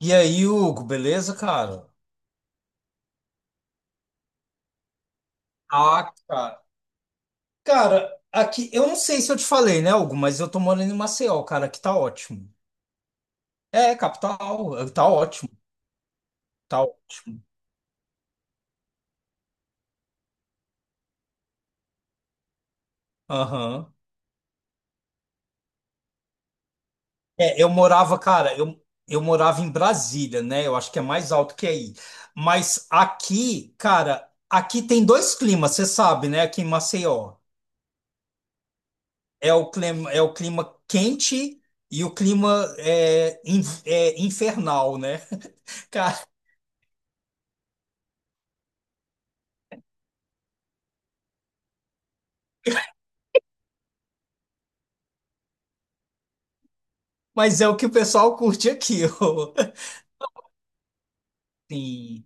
E aí, Hugo, beleza, cara? Ah, cara. Cara, aqui, eu não sei se eu te falei, né, Hugo, mas eu tô morando em Maceió, cara, aqui tá ótimo. É, capital, tá ótimo, tá ótimo. Aham. É, eu morava, cara, eu morava em Brasília, né? Eu acho que é mais alto que aí. Mas aqui, cara, aqui tem dois climas, você sabe, né, aqui em Maceió. É o clima quente e o clima é infernal, né? Cara. Mas é o que o pessoal curte aqui. Ó. Sim.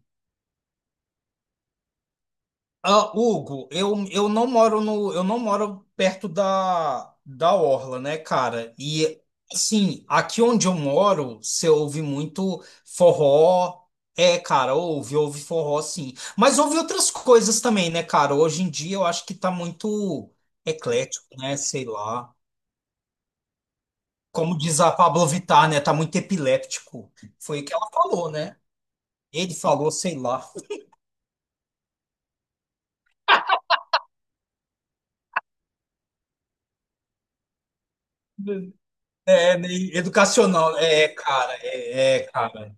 Ah, Hugo, eu não moro no, eu não moro perto da, da orla, né, cara? E assim, aqui onde eu moro, você ouve muito forró. É, cara, ouve forró, sim. Mas ouve outras coisas também, né, cara? Hoje em dia eu acho que tá muito eclético, né? Sei lá. Como diz a Pablo Vittar, né? Tá muito epiléptico. Foi o que ela falou, né? Ele falou, sei lá. É, né, educacional, cara, cara.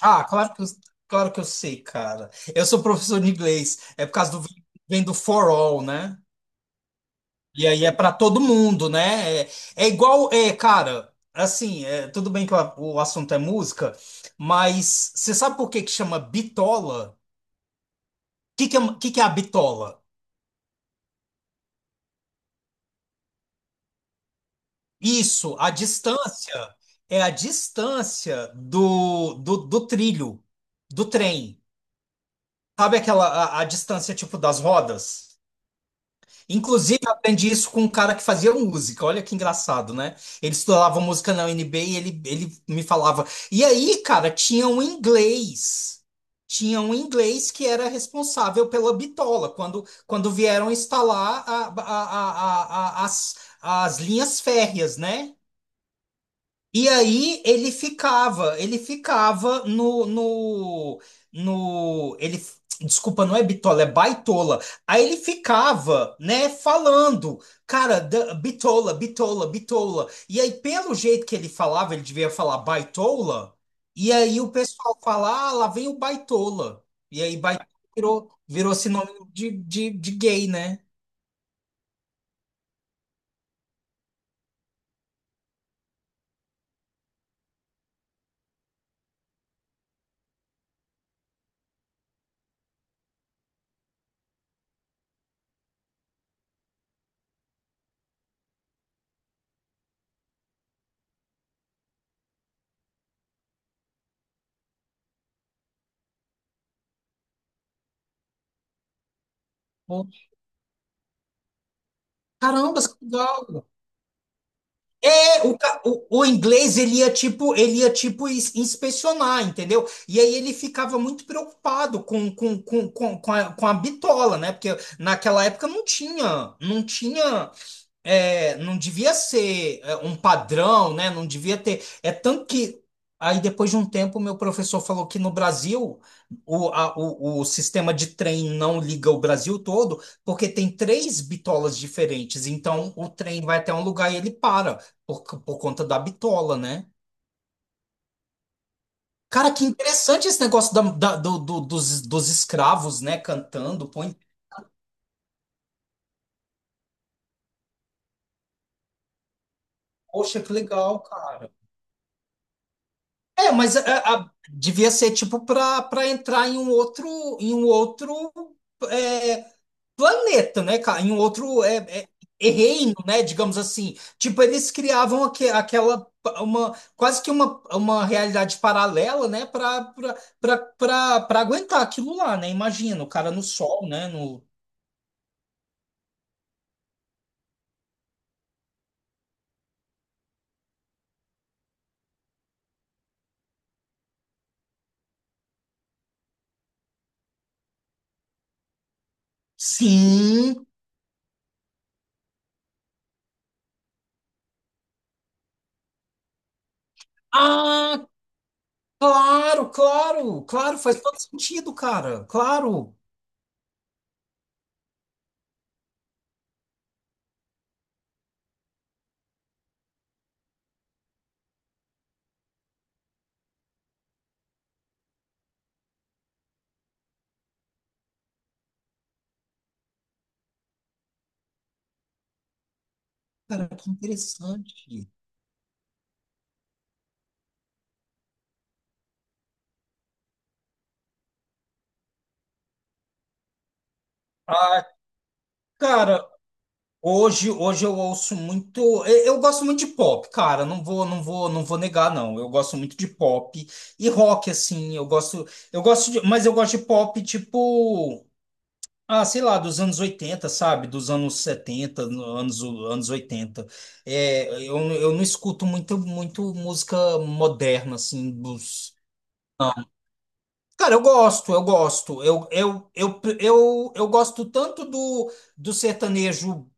Ah, claro que eu, claro que eu sei, cara. Eu sou professor de inglês, é por causa do vem do for all, né? E aí é para todo mundo, né? Cara, assim, tudo bem que o assunto é música, mas você sabe por que que chama bitola? O que que é a bitola? Isso, a distância é a distância do trilho, do trem. Sabe aquela a distância tipo das rodas? Inclusive, eu aprendi isso com um cara que fazia música. Olha que engraçado, né? Ele estudava música na UNB e ele me falava. E aí, cara, tinha um inglês. Tinha um inglês que era responsável pela bitola, quando vieram instalar as, as linhas férreas, né? E aí ele ficava no. Desculpa, não é bitola, é baitola. Aí ele ficava, né, falando, cara, bitola, bitola, bitola. E aí pelo jeito que ele falava, ele devia falar baitola. E aí o pessoal fala, ah, lá vem o baitola. E aí baitola virou, virou sinônimo de gay, né? Pô, caramba, que legal. É, o inglês ele ia tipo inspecionar, entendeu? E aí ele ficava muito preocupado com a bitola, né? Porque naquela época não tinha, não tinha não devia ser um padrão, né? Não devia ter. É tanto que aí depois de um tempo meu professor falou que no Brasil o sistema de trem não liga o Brasil todo porque tem três bitolas diferentes. Então o trem vai até um lugar e ele para por, por conta da bitola, né? Cara, que interessante esse negócio dos escravos, né? Cantando, põe. Poxa, que legal, cara. É, mas devia ser tipo para entrar em um outro é, planeta, né, cara? Em um outro é reino, né? Digamos assim. Tipo, eles criavam aquela uma quase que uma realidade paralela, né? Para para aguentar aquilo lá, né? Imagina o cara no sol, né? No sim. Ah, claro, claro, claro. Faz todo sentido, cara. Claro. Cara, que interessante. Cara, hoje, hoje eu ouço muito. Eu gosto muito de pop, cara. Não vou negar, não. Eu gosto muito de pop e rock, assim. Eu gosto de, mas eu gosto de pop tipo, ah, sei lá, dos anos oitenta sabe? Dos anos setenta, anos oitenta. É, eu não escuto muito música moderna, assim, dos. Não. Cara, eu gosto, eu gosto. Eu gosto tanto do, do sertanejo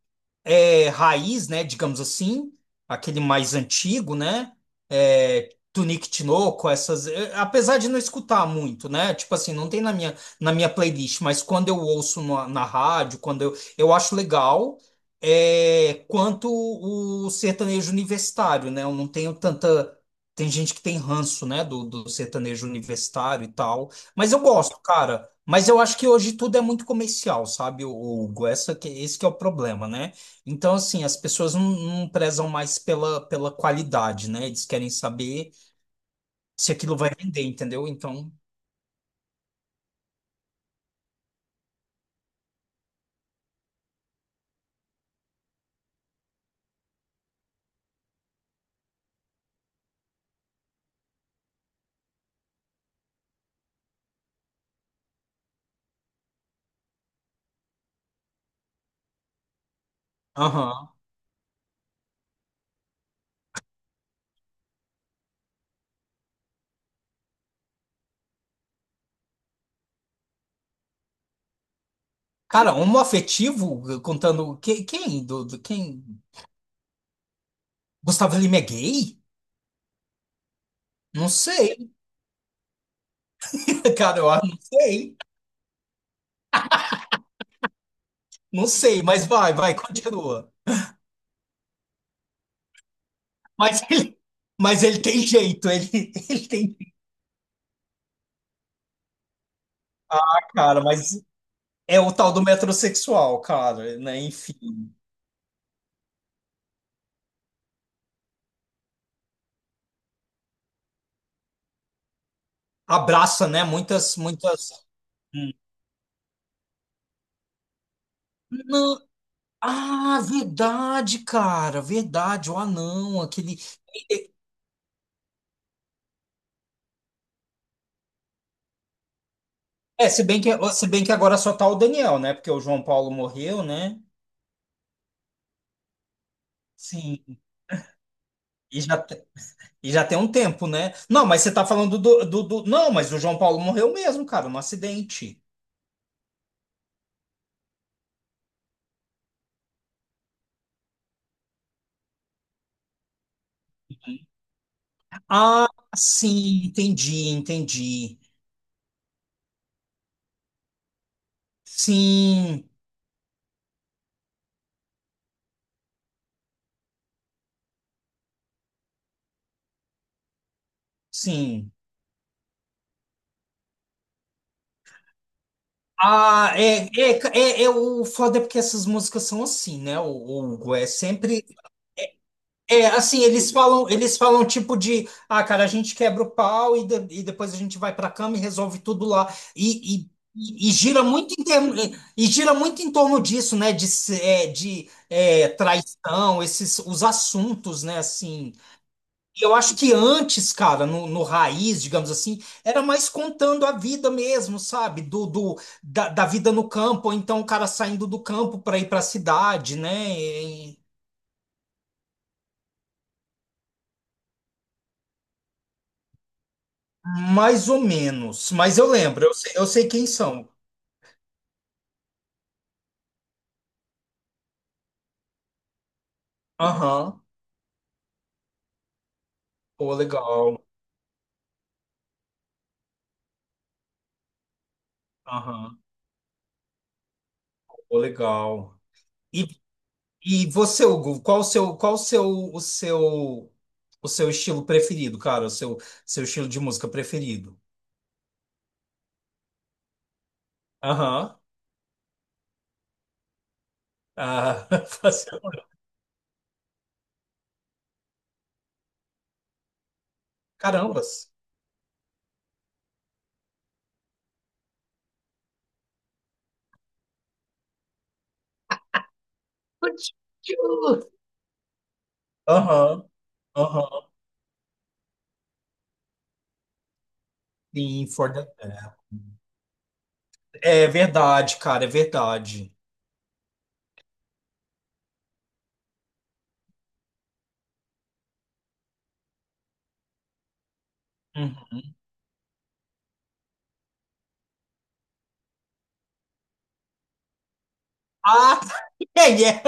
raiz, né, digamos assim, aquele mais antigo, né, é, Tunique Tinoco, essas, é, apesar de não escutar muito, né, tipo assim, não tem na minha playlist, mas quando eu ouço na rádio, quando eu acho legal, é, quanto o sertanejo universitário, né, eu não tenho tanta, tem gente que tem ranço, né, do sertanejo universitário e tal, mas eu gosto, cara, mas eu acho que hoje tudo é muito comercial, sabe, o Hugo? Esse que é o problema, né? Então, assim, as pessoas não, não prezam mais pela, pela qualidade, né? Eles querem saber se aquilo vai vender, entendeu? Então, aham. Cara, homoafetivo, contando... que- Quem? Quem? Gustavo Lima é gay? Não sei, cara, eu não sei. Não sei, mas vai, vai, continua. Mas ele, mas ele tem jeito, ele, ele tem... Cara, mas é o tal do metrosexual, cara, né? Enfim. Abraça, né? Muitas, muitas... Não, ah, verdade, cara, verdade, o anão, aquele. É, se bem que, se bem que agora só tá o Daniel, né? Porque o João Paulo morreu, né? Sim, e e já tem um tempo, né? Não, mas você tá falando Não, mas o João Paulo morreu mesmo, cara, no acidente. Ah, sim, entendi, entendi. Sim, sim. Ah, é, é, é o foda é porque essas músicas são assim, né? O Hugo é sempre É, assim, eles falam tipo de, ah, cara, a gente quebra o pau e depois a gente vai para a cama e resolve tudo lá. E gira muito em e gira muito em torno disso, né? De, se- é, de é, traição, esses os assuntos, né? Assim, e eu acho que antes, cara, no, no raiz, digamos assim, era mais contando a vida mesmo, sabe? Da vida no campo, ou então o cara saindo do campo para ir para a cidade, né? Mais ou menos, mas eu lembro, eu sei quem são. Aham, pô, legal. Aham, pô, legal. E, e você, Hugo, qual o seu, o seu, o seu estilo preferido, cara? Seu estilo de música preferido? Aham. Ah, fazendo- carambas. Aham, aham. Sim, For the Bell. É verdade, cara, é verdade. Uhum. Ah, é, é.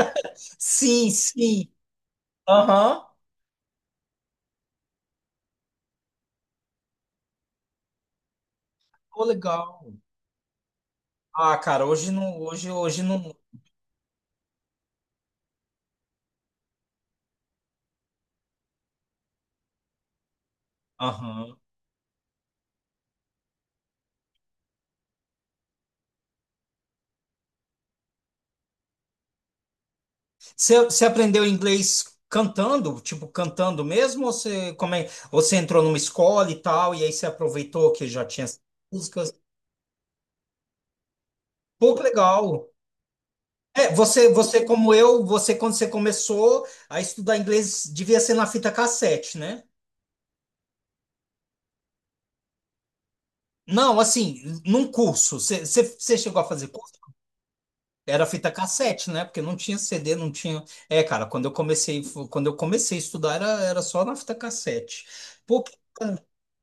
Sim, sim. Aham. Pô, legal. Ah, cara, hoje não, hoje, hoje não. Aham. Você, você aprendeu inglês cantando, tipo, cantando mesmo, ou você, como é, ou você entrou numa escola e tal, e aí você aproveitou que já tinha essas músicas? Pô, que legal. É, você como eu, você quando você começou a estudar inglês, devia ser na fita cassete, né? Não, assim, num curso. Você chegou a fazer curso? Era fita cassete, né? Porque não tinha CD, não tinha. É, cara, quando eu comecei a estudar era, era só na fita cassete. Pô, que-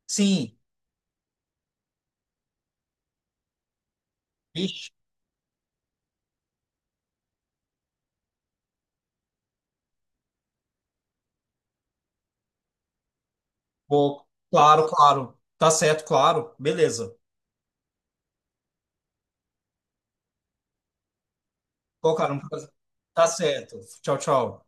sim, ixi, pô, claro, claro. Tá certo, claro. Beleza. Pô, cara, um prazer. Tá certo. Tchau, tchau.